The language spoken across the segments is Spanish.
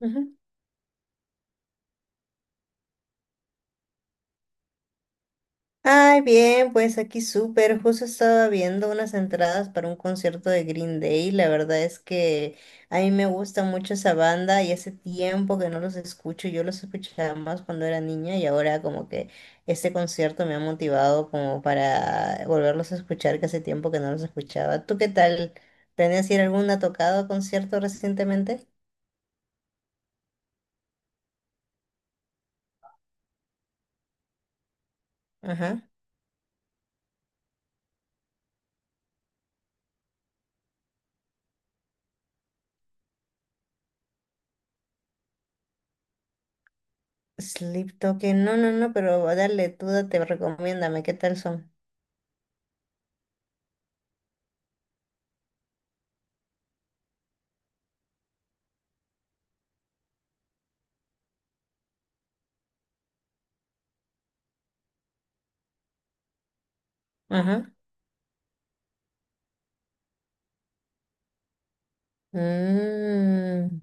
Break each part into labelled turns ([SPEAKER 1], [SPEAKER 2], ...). [SPEAKER 1] Ujú. Ay, bien, pues aquí súper. Justo estaba viendo unas entradas para un concierto de Green Day. La verdad es que a mí me gusta mucho esa banda y hace tiempo que no los escucho. Yo los escuchaba más cuando era niña y ahora como que este concierto me ha motivado como para volverlos a escuchar, que hace tiempo que no los escuchaba. ¿Tú qué tal? ¿Tenías ir a alguna tocada o concierto recientemente? Ajá. Sleep Token. No, no, no, pero dale, tú te recomiéndame. ¿Qué tal son? Ajá. Mm.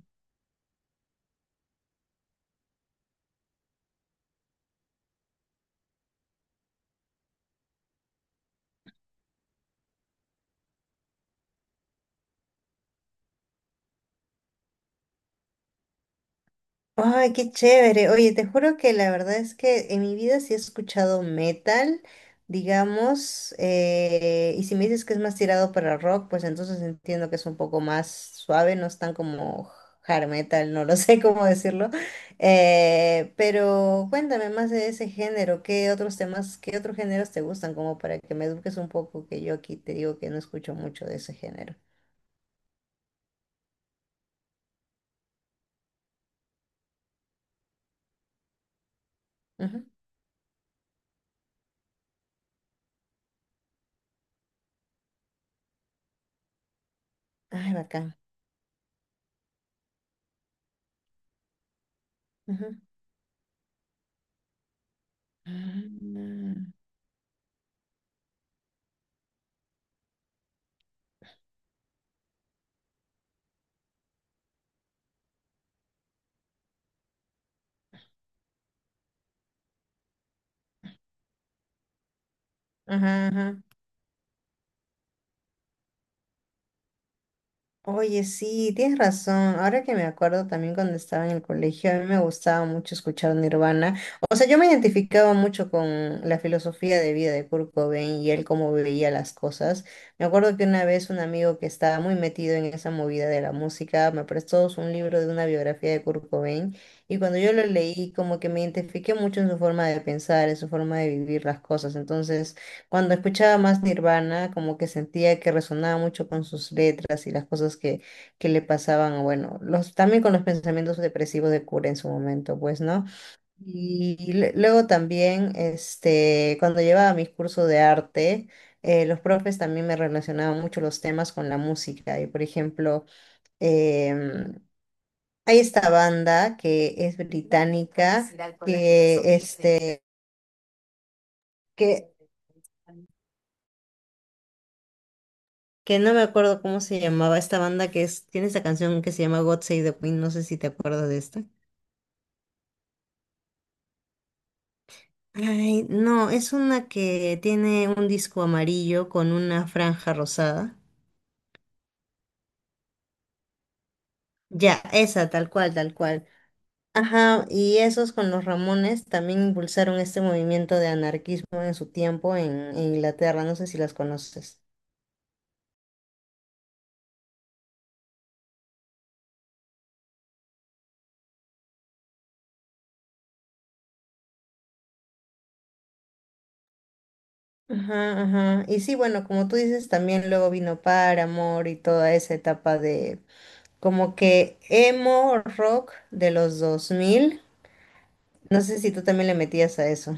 [SPEAKER 1] Ay, qué chévere. Oye, te juro que la verdad es que en mi vida sí he escuchado metal, digamos, y si me dices que es más tirado para rock, pues entonces entiendo que es un poco más suave, no es tan como hard metal, no lo sé cómo decirlo. Pero cuéntame más de ese género, ¿qué otros temas, qué otros géneros te gustan? Como para que me eduques un poco, que yo aquí te digo que no escucho mucho de ese género. Ujú. Ay, bacán. Ah. Ajá, ajá. Oye, sí, tienes razón. Ahora que me acuerdo también cuando estaba en el colegio, a mí me gustaba mucho escuchar Nirvana. O sea, yo me identificaba mucho con la filosofía de vida de Kurt Cobain y él cómo veía las cosas. Me acuerdo que una vez un amigo que estaba muy metido en esa movida de la música me prestó un libro de una biografía de Kurt Cobain y cuando yo lo leí como que me identifiqué mucho en su forma de pensar, en su forma de vivir las cosas. Entonces... Cuando escuchaba más Nirvana, como que sentía que resonaba mucho con sus letras y las cosas que le pasaban, bueno, los, también con los pensamientos depresivos de Cura en su momento, pues, ¿no? Luego también, este, cuando llevaba mis cursos de arte, los profes también me relacionaban mucho los temas con la música. Y, por ejemplo, em, hay esta banda que es británica, que, este, que que no me acuerdo cómo se llamaba esta banda que es, tiene esta canción que se llama God Save the Queen, no sé si te acuerdas de esta. Ay, no, es una que tiene un disco amarillo con una franja rosada. Ya, esa, tal cual, tal cual. Ajá, y esos con los Ramones también impulsaron este movimiento de anarquismo en su tiempo en Inglaterra, no sé si las conoces. Ajá, ajá. Y sí, bueno, como tú dices, también luego vino Paramore y toda esa etapa de como que emo rock de los dos mil. No sé si tú también le metías a eso.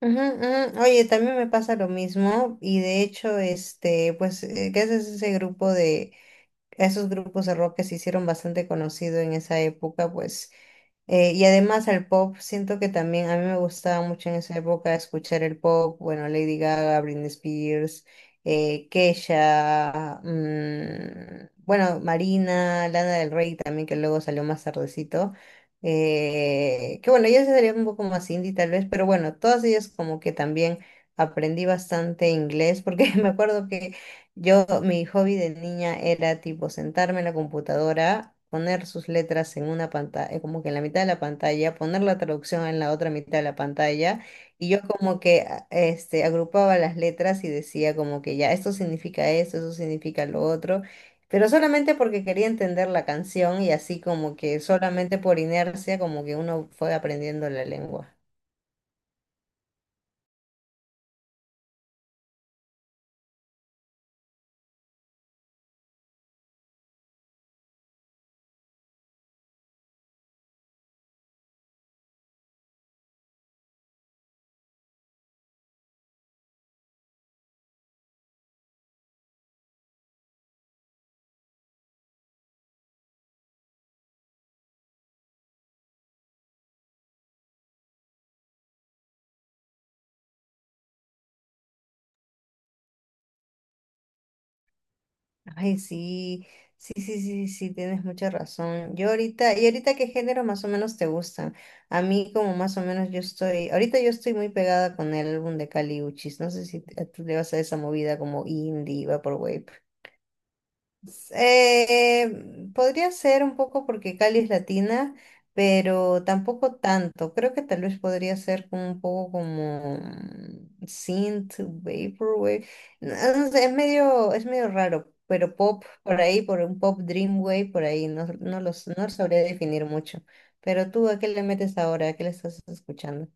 [SPEAKER 1] Ujú, ujú. Oye, también me pasa lo mismo y de hecho, este, pues, gracias a a esos grupos de rock que se hicieron bastante conocido en esa época, pues. Y además al pop, siento que también a mí me gustaba mucho en esa época escuchar el pop, bueno, Lady Gaga, Britney Spears, Kesha, bueno, Marina, Lana del Rey también, que luego salió más tardecito, que bueno, ella sería un poco más indie tal vez, pero bueno, todas ellas como que también aprendí bastante inglés, porque me acuerdo que yo, mi hobby de niña era tipo sentarme en la computadora, poner sus letras en una pantalla, como que en la mitad de la pantalla, poner la traducción en la otra mitad de la pantalla, y yo como que este, agrupaba las letras y decía como que ya, esto significa esto, eso significa lo otro, pero solamente porque quería entender la canción y así como que solamente por inercia como que uno fue aprendiendo la lengua. Ay, sí, sí, sí, sí, sí, tienes mucha razón. Yo ahorita, ¿y ahorita qué género más o menos te gustan? A mí como más o menos ahorita yo estoy muy pegada con el álbum de Kali Uchis, no sé si tú le vas a esa movida como indie, vaporwave. Podría ser un poco porque Cali es latina, pero tampoco tanto. Creo que tal vez podría ser como un poco como mm, synth, vaporwave. No, no sé, es medio raro, pero pop por ahí, por un pop dreamwave por ahí, no sabría definir mucho. Pero tú, ¿a qué le metes ahora? ¿A qué le estás escuchando?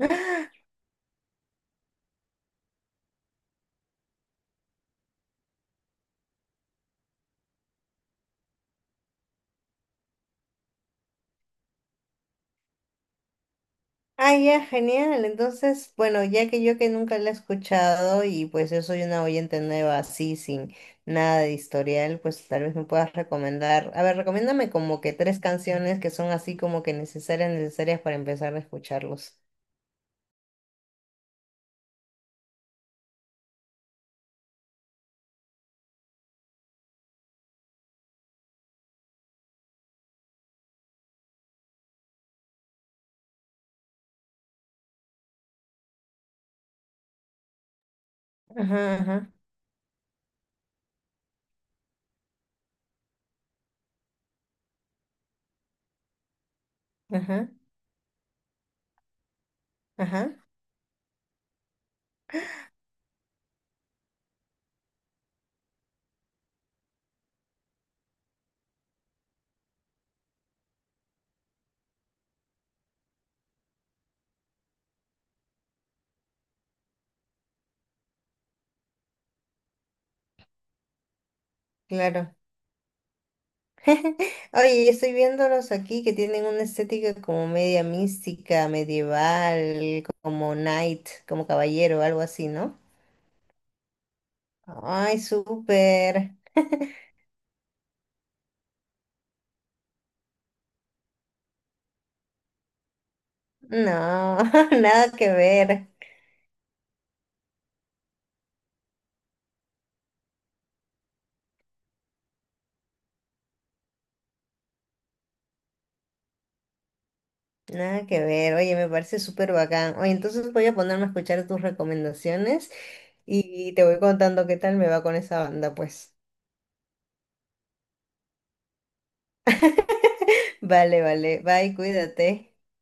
[SPEAKER 1] Ah, ya, genial. Entonces, bueno, ya que yo que nunca la he escuchado y pues yo soy una oyente nueva así, sin nada de historial, pues tal vez me puedas recomendar. A ver, recomiéndame como que tres canciones que son así como que necesarias, necesarias para empezar a escucharlos. Ajá, ajá, ajá, ajá, claro. Oye, yo estoy viéndolos aquí que tienen una estética como media mística, medieval, como knight, como caballero, algo así, ¿no? Ay, súper. No, nada que ver, nada que ver. Oye, me parece súper bacán. Oye, entonces voy a ponerme a escuchar tus recomendaciones y te voy contando qué tal me va con esa banda, pues. Vale, vale. Bye, cuídate.